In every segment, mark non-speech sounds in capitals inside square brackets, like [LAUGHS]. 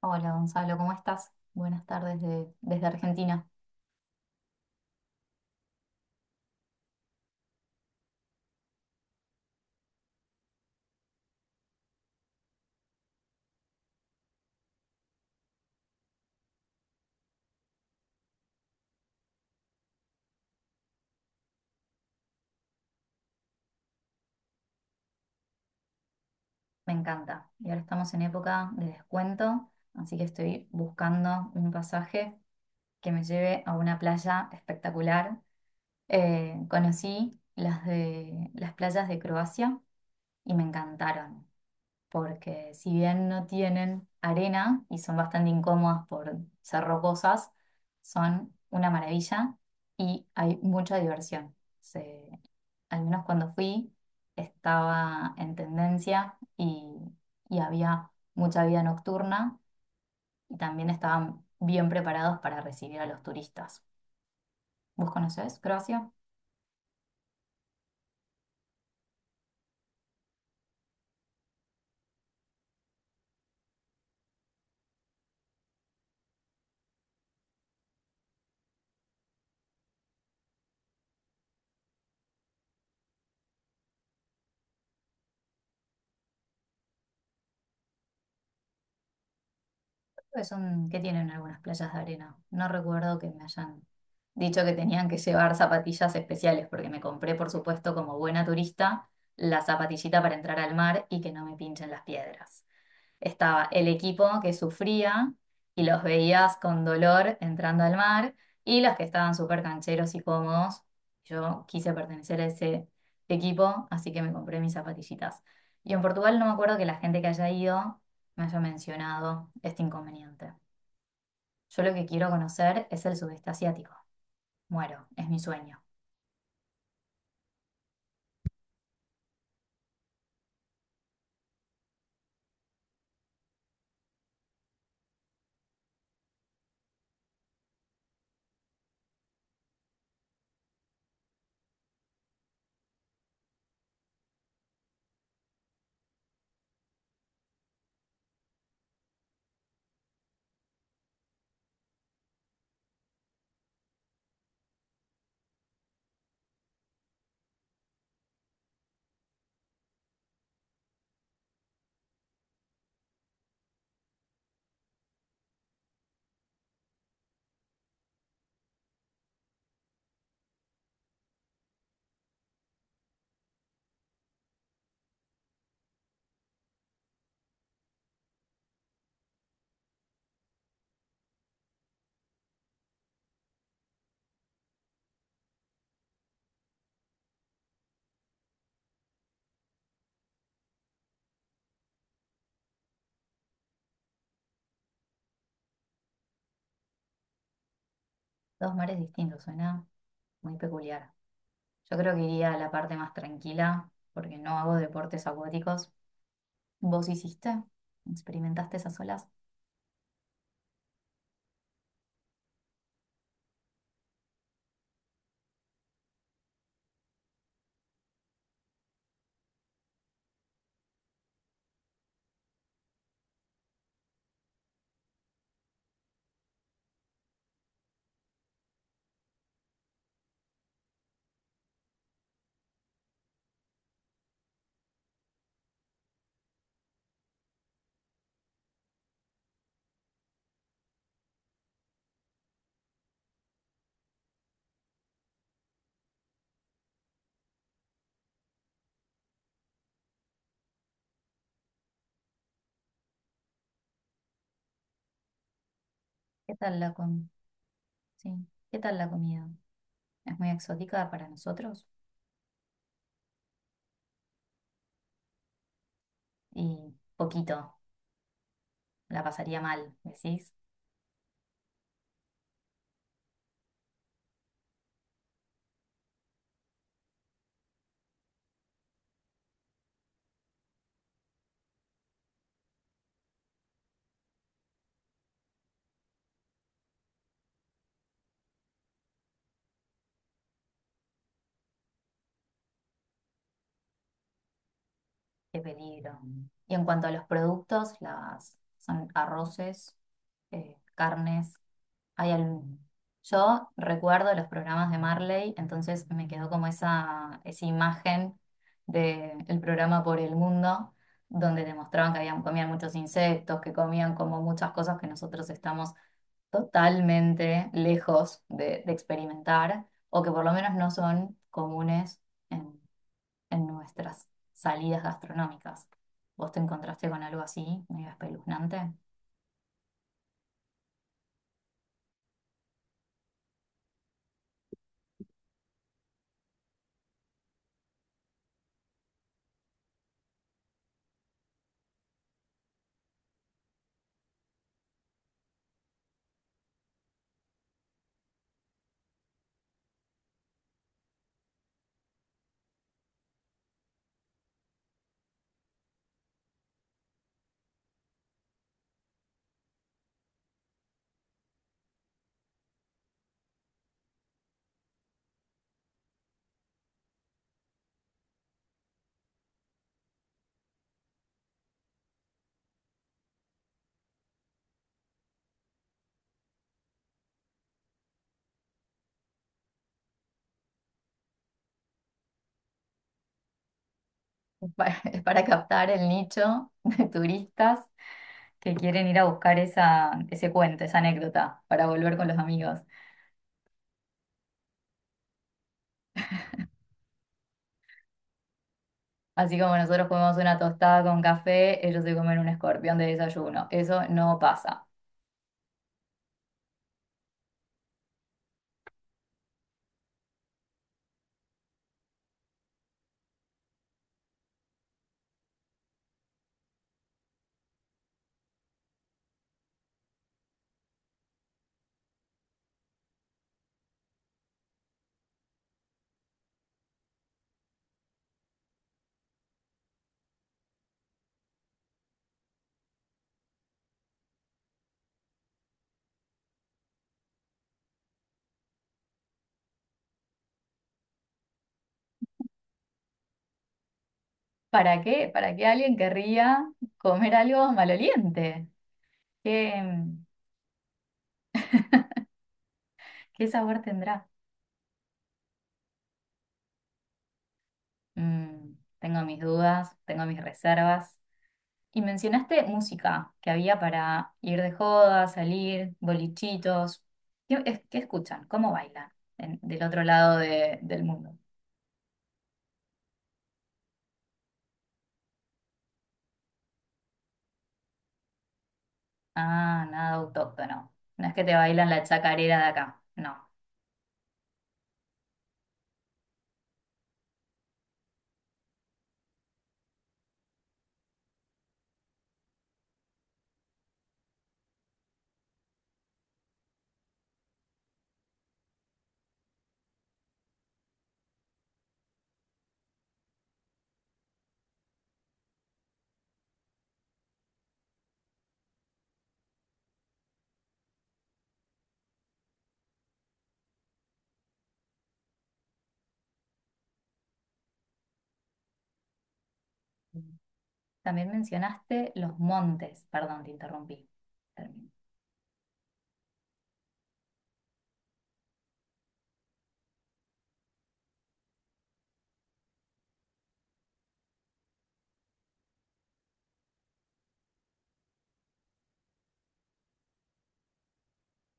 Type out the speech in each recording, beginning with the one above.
Hola Gonzalo, ¿cómo estás? Buenas tardes desde Argentina. Me encanta. Y ahora estamos en época de descuento, así que estoy buscando un pasaje que me lleve a una playa espectacular. Conocí las playas de Croacia y me encantaron, porque si bien no tienen arena y son bastante incómodas por ser rocosas, son una maravilla y hay mucha diversión. Al menos cuando fui, estaba en tendencia y había mucha vida nocturna y también estaban bien preparados para recibir a los turistas. ¿Vos conocés Croacia? Creo que que tienen algunas playas de arena. No recuerdo que me hayan dicho que tenían que llevar zapatillas especiales, porque me compré, por supuesto, como buena turista, la zapatillita para entrar al mar y que no me pinchen las piedras. Estaba el equipo que sufría y los veías con dolor entrando al mar, y los que estaban súper cancheros y cómodos. Yo quise pertenecer a ese equipo, así que me compré mis zapatillitas. Y en Portugal no me acuerdo que la gente que haya ido me haya mencionado este inconveniente. Yo lo que quiero conocer es el sudeste asiático. Muero, es mi sueño. Dos mares distintos, suena muy peculiar. Yo creo que iría a la parte más tranquila porque no hago deportes acuáticos. ¿Vos hiciste? ¿Experimentaste esas olas? ¿Qué tal la com- sí, ¿qué tal la comida? ¿Es muy exótica para nosotros? Y poquito, la pasaría mal, ¿decís? Qué peligro. Y en cuanto a los productos, las son arroces, carnes, Hay algún- yo recuerdo los programas de Marley, entonces me quedó como esa imagen del programa Por el Mundo, donde demostraban que habían, comían muchos insectos, que comían como muchas cosas que nosotros estamos totalmente lejos de experimentar, o que por lo menos no son comunes en, en nuestras salidas gastronómicas. ¿Vos te encontraste con algo así, medio espeluznante? [LAUGHS] Es es para captar el nicho de turistas que quieren ir a buscar ese cuento, esa anécdota, para volver con los amigos. Así como nosotros comemos una tostada con café, ellos se comen un escorpión de desayuno. Eso no pasa. ¿Para qué? ¿Para qué alguien querría comer algo maloliente? ¿Qué, qué sabor tendrá? Mm, tengo mis dudas, tengo mis reservas. Y mencionaste música que había para ir de joda, salir, bolichitos. ¿Qué escuchan? ¿Cómo bailan del otro lado del mundo? Ah, nada autóctono. No es que te bailan la chacarera de acá. No. También mencionaste los montes. Perdón, te interrumpí. Termino.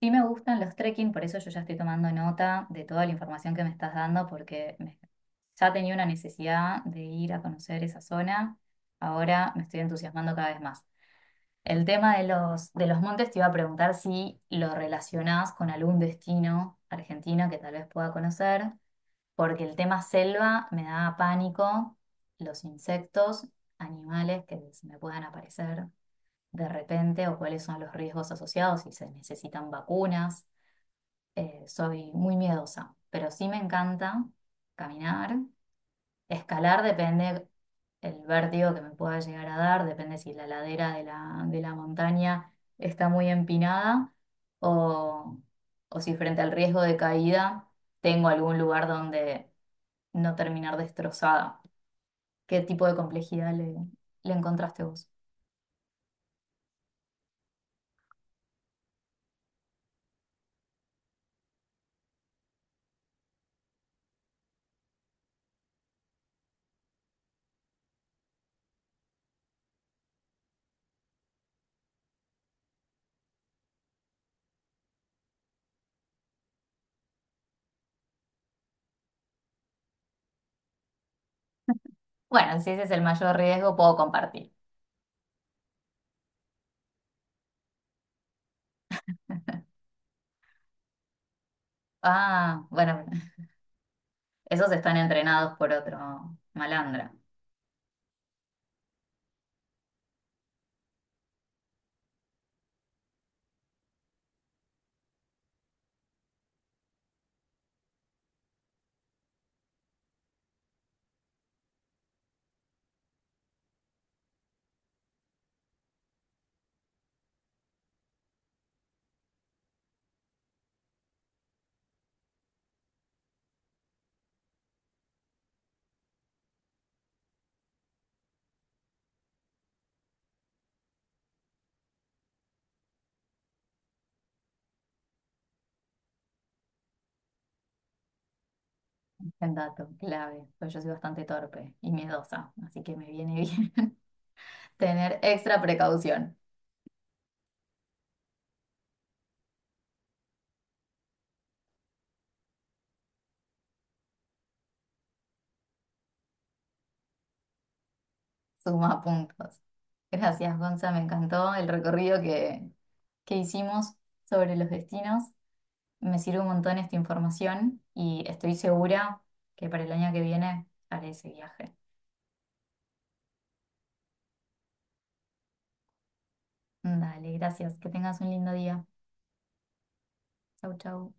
Sí me gustan los trekking, por eso yo ya estoy tomando nota de toda la información que me estás dando. Ya tenía una necesidad de ir a conocer esa zona. Ahora me estoy entusiasmando cada vez más. El tema de de los montes te iba a preguntar si lo relacionás con algún destino argentino que tal vez pueda conocer, porque el tema selva me daba pánico, los insectos, animales que se me puedan aparecer de repente, o cuáles son los riesgos asociados, si se necesitan vacunas. Soy muy miedosa, pero sí me encanta caminar. Escalar depende el vértigo que me pueda llegar a dar, depende si la ladera de de la montaña está muy empinada, o, o si frente al riesgo de caída tengo algún lugar donde no terminar destrozada. ¿Qué tipo de complejidad le encontraste vos? Bueno, si ese es el mayor riesgo, puedo compartir. Ah, bueno, bueno, esos están entrenados por otro malandra. El dato clave, pues yo soy bastante torpe y miedosa, así que me viene bien [LAUGHS] tener extra precaución. Suma puntos. Gracias, Gonza, me encantó el recorrido que hicimos sobre los destinos. Me sirve un montón esta información y estoy segura que para el año que viene haré ese viaje. Dale, gracias. Que tengas un lindo día. Chau, chau.